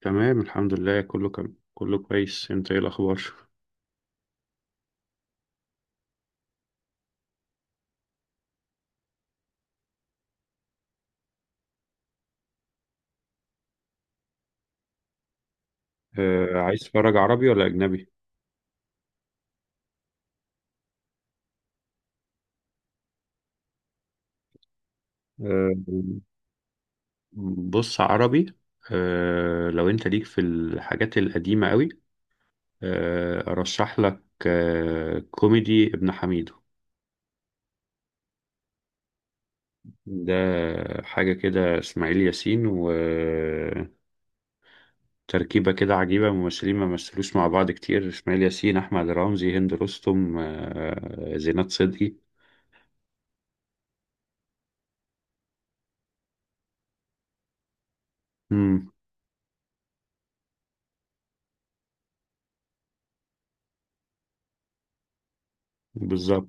تمام، الحمد لله، كله كم. كله كويس. انت ايه الاخبار؟ آه، عايز تتفرج عربي ولا اجنبي؟ آه، بص عربي. آه، لو انت ليك في الحاجات القديمة قوي، ارشح لك كوميدي: ابن حميدو. ده حاجة كده، اسماعيل ياسين وتركيبة كده عجيبة، ممثلين ما مثلوش مع بعض كتير: اسماعيل ياسين، احمد رمزي، هند رستم، زينات صدقي. امم. بالظبط.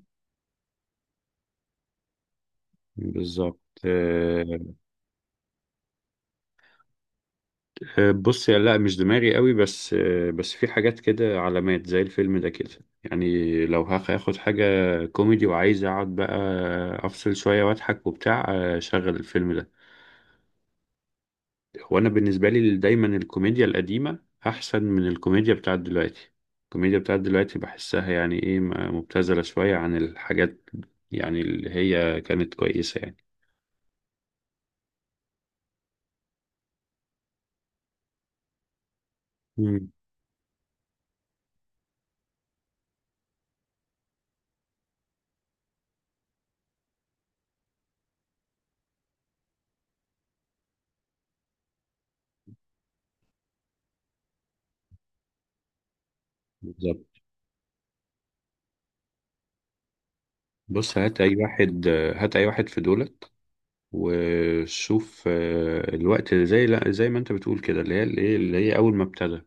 بالظبط. بص، يا لا، مش دماغي قوي بس، بس في حاجات كده علامات زي الفيلم ده كده، يعني لو هاخد حاجة كوميدي وعايز اقعد بقى افصل شوية واضحك وبتاع، شغل الفيلم ده. وانا بالنسبة لي دايما الكوميديا القديمة احسن من الكوميديا بتاعت دلوقتي. الكوميديا بتاعت دلوقتي بحسها يعني ايه، مبتذلة شوية عن الحاجات، يعني اللي هي كانت كويسة يعني. مم. بالظبط. بص، هات اي واحد في دولت، وشوف الوقت، اللي زي، لا، زي ما انت بتقول كده، اللي هي الايه، اللي هي اول ما ابتدى،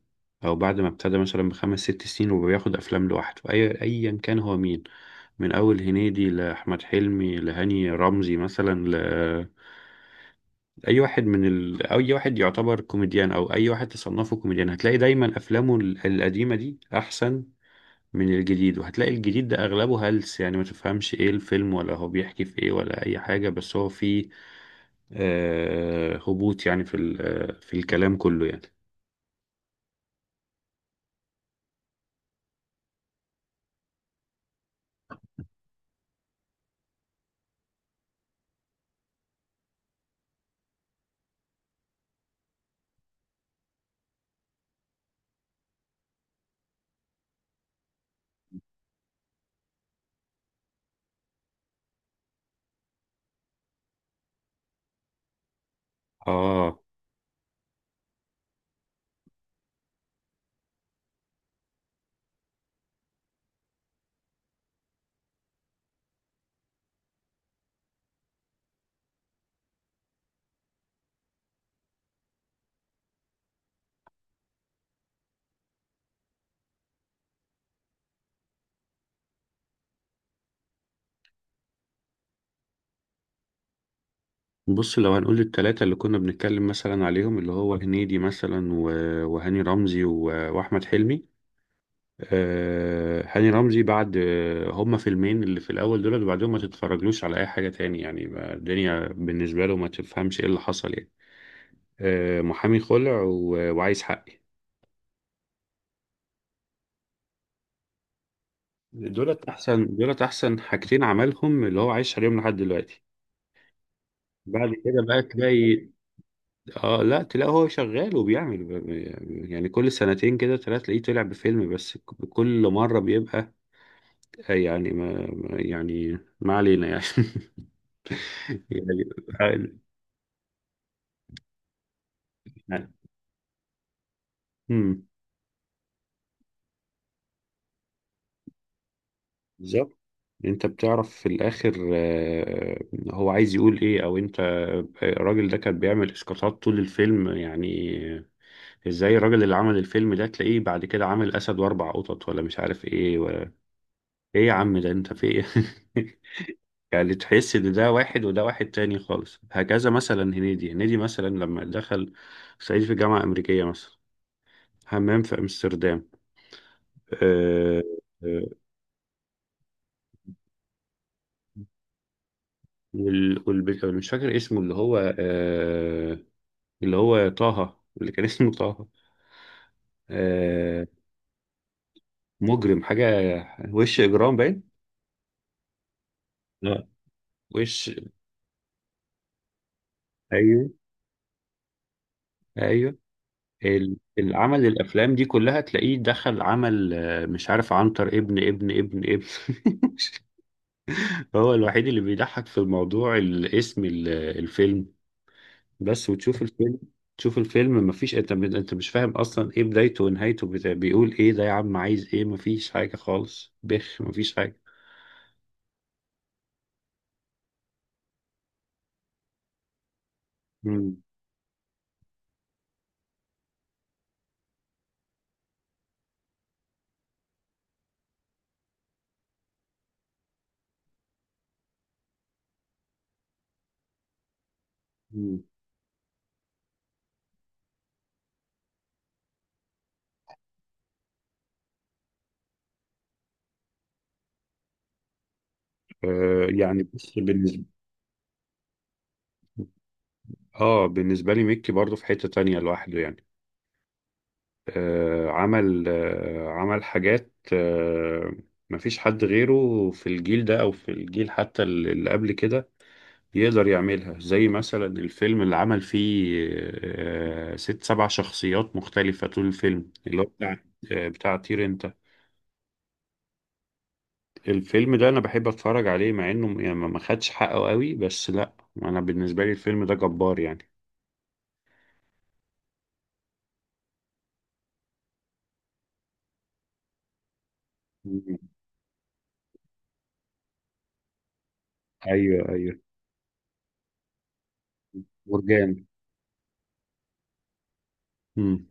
او بعد ما ابتدى مثلا بخمس ست سنين وبياخد افلام لوحده، ايا كان هو مين، من اول هنيدي لاحمد حلمي لهاني رمزي مثلا، ل اي واحد من ال... اي واحد يعتبر كوميديان، او اي واحد تصنفه كوميديان، هتلاقي دايما افلامه القديمه دي احسن من الجديد. وهتلاقي الجديد ده اغلبه هلس، يعني ما تفهمش ايه الفيلم ولا هو بيحكي في ايه ولا اي حاجه، بس هو فيه هبوط، يعني في في الكلام كله يعني. اه، بص لو هنقول التلاتة اللي كنا بنتكلم مثلا عليهم، اللي هو هنيدي مثلا وهاني رمزي وأحمد حلمي. هاني رمزي بعد، هما فيلمين اللي في الأول دول، وبعدهم ما تتفرجلوش على أي حاجة تاني يعني، الدنيا بالنسبة له ما تفهمش إيه اللي حصل يعني، محامي خلع وعايز حقي. دولت أحسن حاجتين عملهم، اللي هو عايش عليهم لحد دلوقتي. بعد كده بقى تلاقي، اه لا، تلاقي هو شغال وبيعمل، يعني كل سنتين كده ثلاثة تلاقيه طلع بفيلم، بس كل مرة بيبقى يعني يعني ما علينا يعني. يعني آه، يعني، مم، بالظبط. انت بتعرف في الاخر، هو عايز يقول ايه، او انت، الراجل ده كان بيعمل اسقاطات طول الفيلم يعني. ازاي الراجل اللي عمل الفيلم ده تلاقيه بعد كده عامل اسد واربع قطط، ولا مش عارف ايه، ولا ايه يا عم، ده انت في ايه؟ يعني تحس ان ده واحد وده واحد تاني خالص. هكذا مثلا هنيدي مثلا لما دخل صعيدي في جامعة أمريكية مثلا، حمام في أمستردام. أه. آه، مش فاكر اسمه اللي هو، اللي هو طه، اللي كان اسمه طه. أه. مجرم حاجة، وش إجرام باين. لا، وش أيوه، أيوه. العمل، الأفلام دي كلها تلاقيه دخل عمل مش عارف، عنتر ابن هو الوحيد اللي بيضحك في الموضوع، الاسم الفيلم بس، وتشوف الفيلم، تشوف الفيلم مفيش. انت مش فاهم اصلا ايه بدايته ونهايته، بيقول ايه ده يا عم؟ عايز ايه؟ مفيش حاجة خالص، بخ، مفيش حاجة. مم. مم. يعني بس بالنسبة لي ميكي برضه في حتة تانية لوحده يعني. عمل، عمل حاجات، مفيش حد غيره في الجيل ده او في الجيل حتى اللي قبل كده يقدر يعملها، زي مثلا الفيلم اللي عمل فيه ست سبع شخصيات مختلفة طول الفيلم، اللي هو بتاع طير انت. الفيلم ده انا بحب اتفرج عليه، مع انه يعني ما ما خدش حقه قوي، بس لا، انا بالنسبة لي الفيلم ده جبار يعني. مم. ايوه، ايوه. مرجان. مم.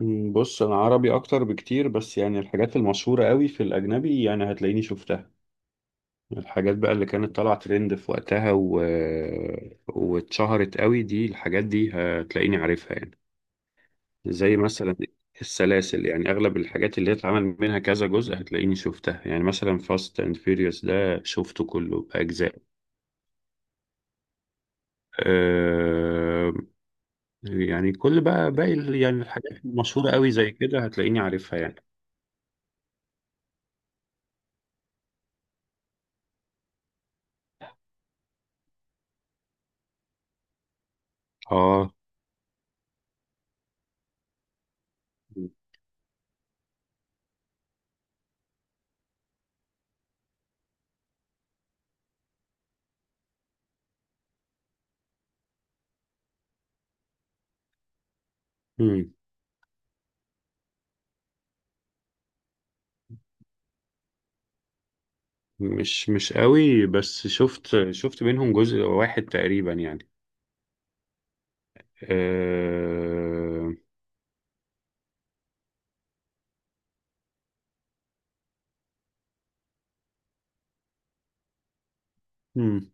بص، انا عربي اكتر بكتير، بس يعني الحاجات المشهورة قوي في الاجنبي يعني هتلاقيني شفتها. الحاجات بقى اللي كانت طالعة ترند في وقتها واتشهرت قوي، دي الحاجات دي هتلاقيني عارفها يعني، زي مثلا السلاسل، يعني أغلب الحاجات اللي اتعمل منها كذا جزء هتلاقيني شفتها، يعني مثلا فاست أند فيوريوس ده شفته كله بأجزاء. أه... يعني، بقى باقي يعني الحاجات المشهورة قوي زي كده هتلاقيني عارفها يعني. اه. مم. مش قوي، بس شفت منهم جزء واحد تقريبا يعني. آه، مم،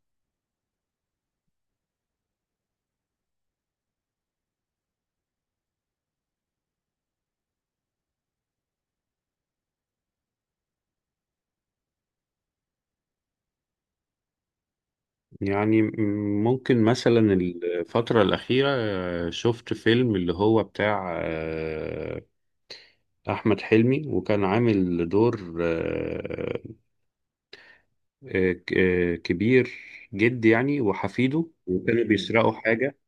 يعني ممكن مثلا الفترة الأخيرة، شفت فيلم اللي هو بتاع آه، أحمد حلمي، وكان عامل دور، كبير جد يعني، وحفيده، وكانوا بيسرقوا حاجة.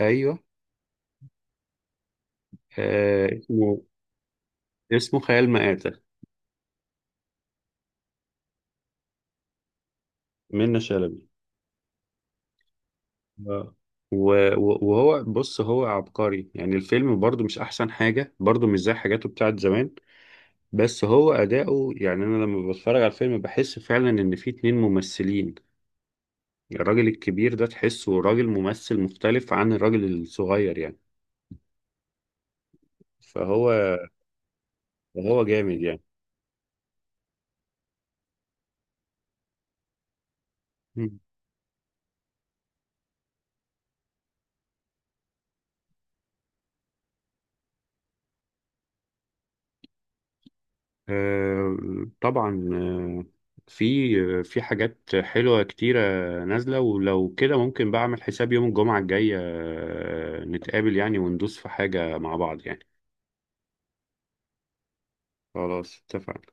أيوه. آه، اسمه اسمه خيال مآتة. منة شلبي. آه. وهو، بص، هو عبقري يعني، الفيلم برضو مش أحسن حاجة، برضو مش زي حاجاته بتاعت زمان، بس هو أداؤه يعني، أنا لما بتفرج على الفيلم بحس فعلا إن في اتنين ممثلين، الراجل الكبير ده تحسه راجل ممثل مختلف عن الراجل الصغير يعني، فهو جامد يعني. مم. آه، طبعا. في حاجات حلوة كتيرة نازلة، ولو كده ممكن بعمل حساب يوم الجمعة الجاية نتقابل يعني وندوس في حاجة مع بعض يعني. خلاص، اتفقنا.